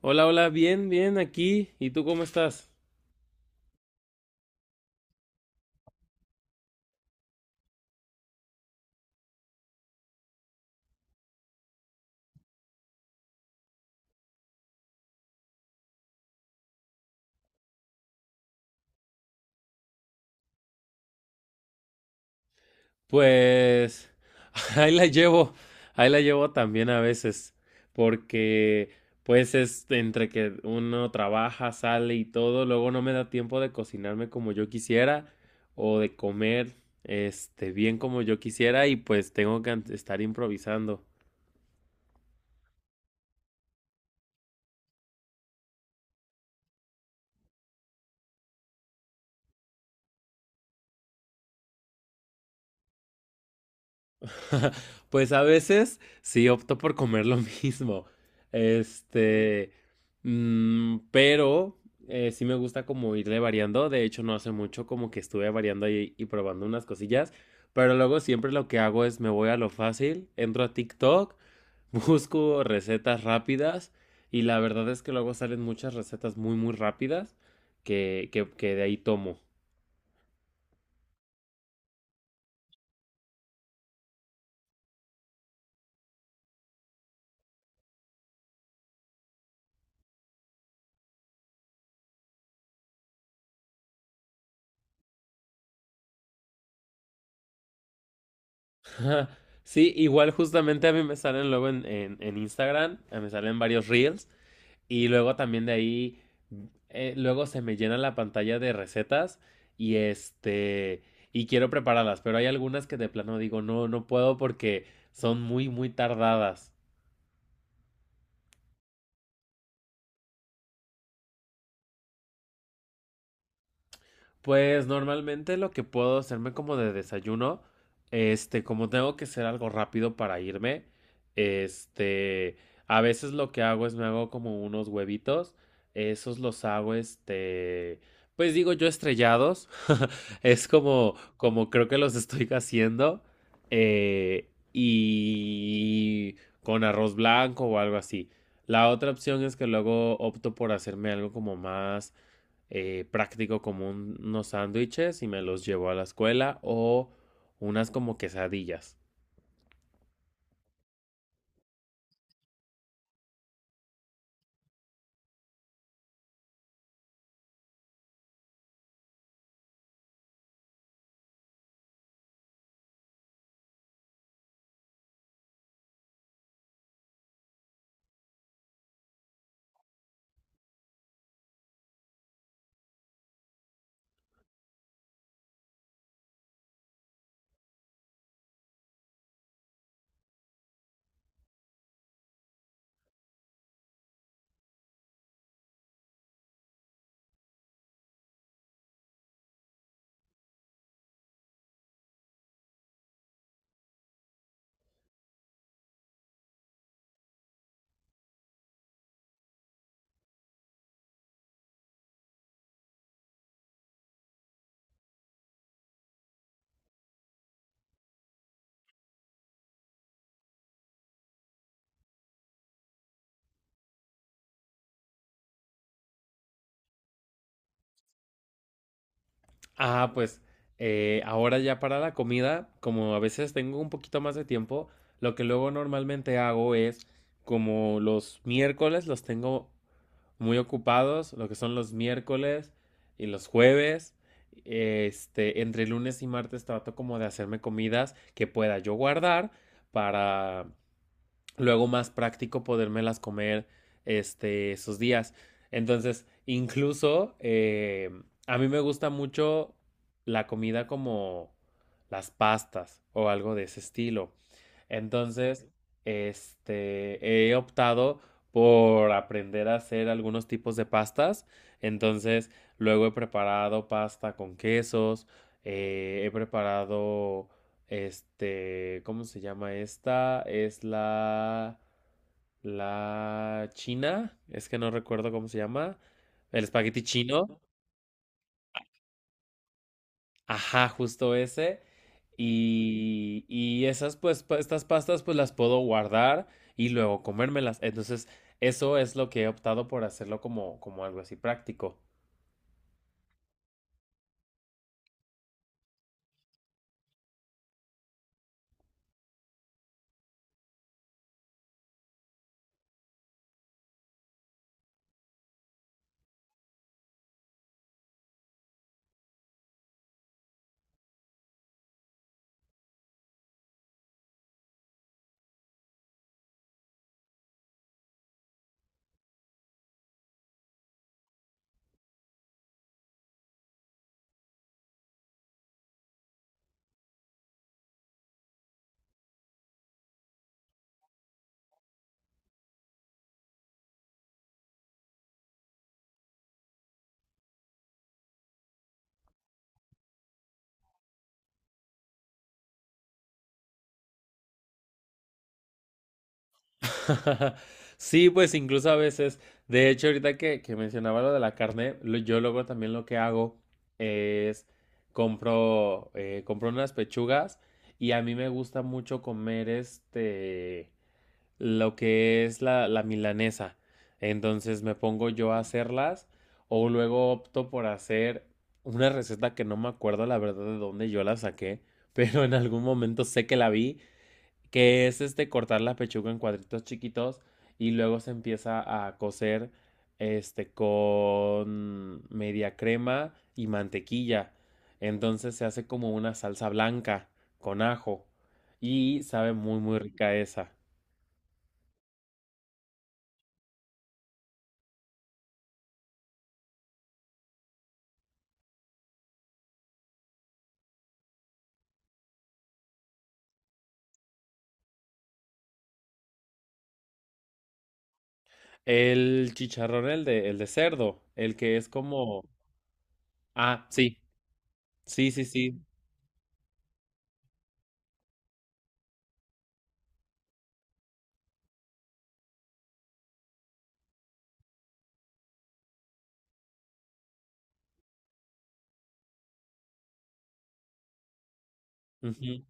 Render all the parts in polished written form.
Hola, hola, bien, bien, aquí. ¿Y tú cómo estás? Pues ahí la llevo, ahí la llevo también a veces, porque pues es entre que uno trabaja, sale y todo, luego no me da tiempo de cocinarme como yo quisiera o de comer bien como yo quisiera y pues tengo que estar improvisando. Pues a veces sí opto por comer lo mismo. Este, pero sí me gusta como irle variando. De hecho, no hace mucho como que estuve variando y probando unas cosillas. Pero luego siempre lo que hago es me voy a lo fácil, entro a TikTok, busco recetas rápidas y la verdad es que luego salen muchas recetas muy muy rápidas que de ahí tomo. Ajá. Sí, igual justamente a mí me salen luego en Instagram, me salen varios reels y luego también de ahí, luego se me llena la pantalla de recetas y este, y quiero prepararlas, pero hay algunas que de plano digo, no, no puedo porque son muy, muy tardadas. Pues normalmente lo que puedo hacerme como de desayuno, como tengo que hacer algo rápido para irme, este, a veces lo que hago es me hago como unos huevitos, esos los hago, pues digo yo estrellados, es como creo que los estoy haciendo, y con arroz blanco o algo así. La otra opción es que luego opto por hacerme algo como más práctico como unos sándwiches y me los llevo a la escuela o unas como quesadillas. Ah, pues ahora ya para la comida, como a veces tengo un poquito más de tiempo, lo que luego normalmente hago es como los miércoles los tengo muy ocupados, lo que son los miércoles y los jueves. Este, entre lunes y martes trato como de hacerme comidas que pueda yo guardar para luego más práctico podérmelas comer esos días. Entonces, incluso a mí me gusta mucho la comida como las pastas o algo de ese estilo. Entonces, he optado por aprender a hacer algunos tipos de pastas. Entonces, luego he preparado pasta con quesos, he preparado, este, ¿cómo se llama esta? Es la china, es que no recuerdo cómo se llama, el espagueti chino. Ajá, justo ese. Y esas, pues, estas pastas, pues las puedo guardar y luego comérmelas. Entonces, eso es lo que he optado por hacerlo como algo así práctico. Sí, pues incluso a veces, de hecho, ahorita que mencionaba lo de la carne, yo luego también lo que hago es compro, compro unas pechugas y a mí me gusta mucho comer este. Lo que es la milanesa. Entonces me pongo yo a hacerlas o luego opto por hacer una receta que no me acuerdo la verdad de dónde yo la saqué, pero en algún momento sé que la vi, que es este cortar la pechuga en cuadritos chiquitos y luego se empieza a cocer este con media crema y mantequilla. Entonces se hace como una salsa blanca con ajo y sabe muy muy rica esa. El chicharrón, el de cerdo, el que es como... Ah, sí, sí, sí, sí. Ujú.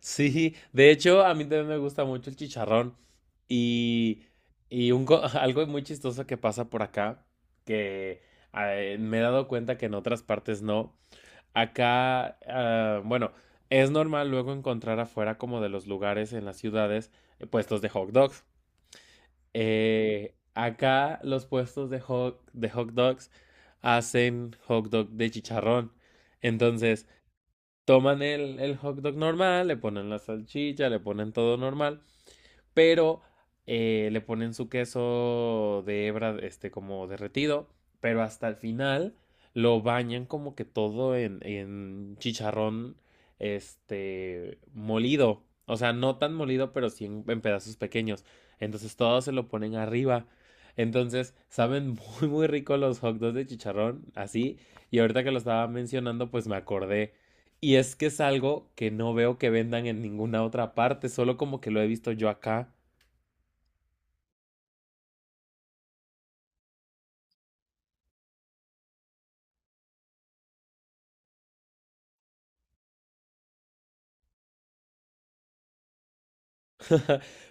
Sí, de hecho, a mí también me gusta mucho el chicharrón. Y, y algo muy chistoso que pasa por acá, que me he dado cuenta que en otras partes no. Acá, ah, bueno, es normal luego encontrar afuera como de los lugares en las ciudades puestos de hot dogs. Acá los puestos de de hot dogs hacen hot dog de chicharrón. Entonces, toman el hot dog normal, le ponen la salchicha, le ponen todo normal pero le ponen su queso de hebra, este, como derretido, pero hasta el final lo bañan como que todo en chicharrón, este, molido. O sea, no tan molido, pero sí en pedazos pequeños. Entonces todo se lo ponen arriba. Entonces, saben muy, muy rico los hot dogs de chicharrón, así. Y ahorita que lo estaba mencionando, pues me acordé. Y es que es algo que no veo que vendan en ninguna otra parte, solo como que lo he visto yo acá.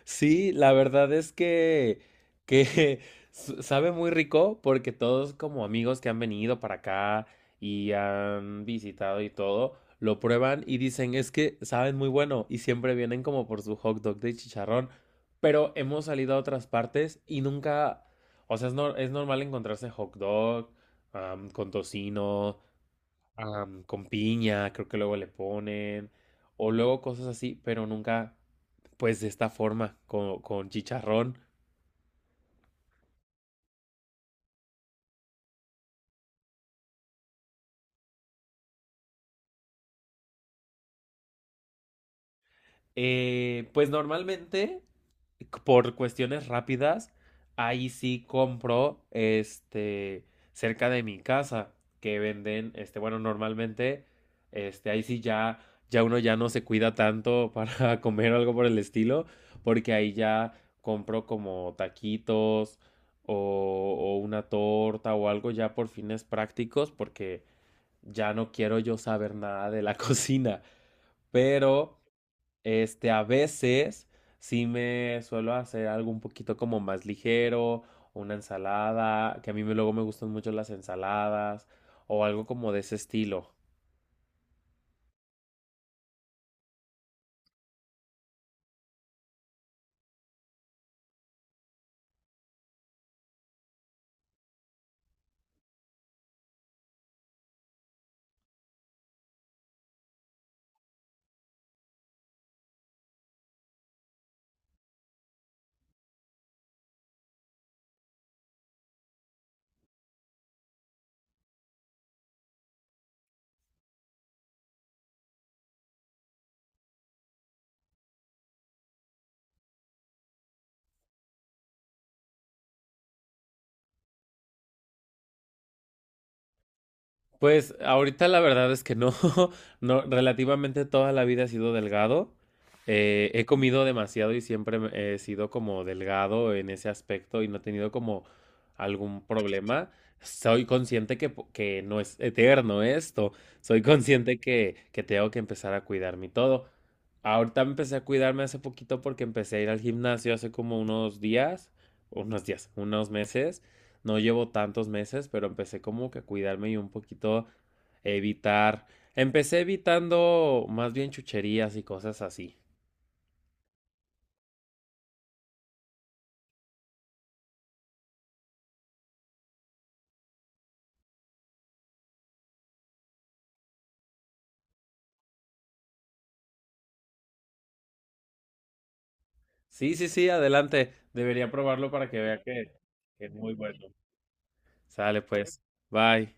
Sí, la verdad es que sabe muy rico porque todos como amigos que han venido para acá y han visitado y todo, lo prueban y dicen es que saben muy bueno y siempre vienen como por su hot dog de chicharrón, pero hemos salido a otras partes y nunca, o sea, es, es normal encontrarse hot dog con tocino con piña, creo que luego le ponen, o luego cosas así, pero nunca, pues de esta forma, con chicharrón. Pues normalmente por cuestiones rápidas, ahí sí compro este cerca de mi casa que venden este bueno, normalmente este ahí sí ya ya uno ya no se cuida tanto para comer o algo por el estilo, porque ahí ya compro como taquitos o una torta o algo ya por fines prácticos, porque ya no quiero yo saber nada de la cocina. Pero a veces sí me suelo hacer algo un poquito como más ligero, una ensalada, que a mí luego me gustan mucho las ensaladas, o algo como de ese estilo. Pues ahorita la verdad es que no, no, relativamente toda la vida he sido delgado. He comido demasiado y siempre he sido como delgado en ese aspecto y no he tenido como algún problema. Soy consciente que, que no es eterno esto. Soy consciente que tengo que empezar a cuidarme y todo. Ahorita empecé a cuidarme hace poquito porque empecé a ir al gimnasio hace como unos días, unos días, unos meses. No llevo tantos meses, pero empecé como que a cuidarme y un poquito evitar. Empecé evitando más bien chucherías y cosas así. Sí, sí, sí, adelante. Debería probarlo para que vea que es muy bueno. Sale pues. Bye.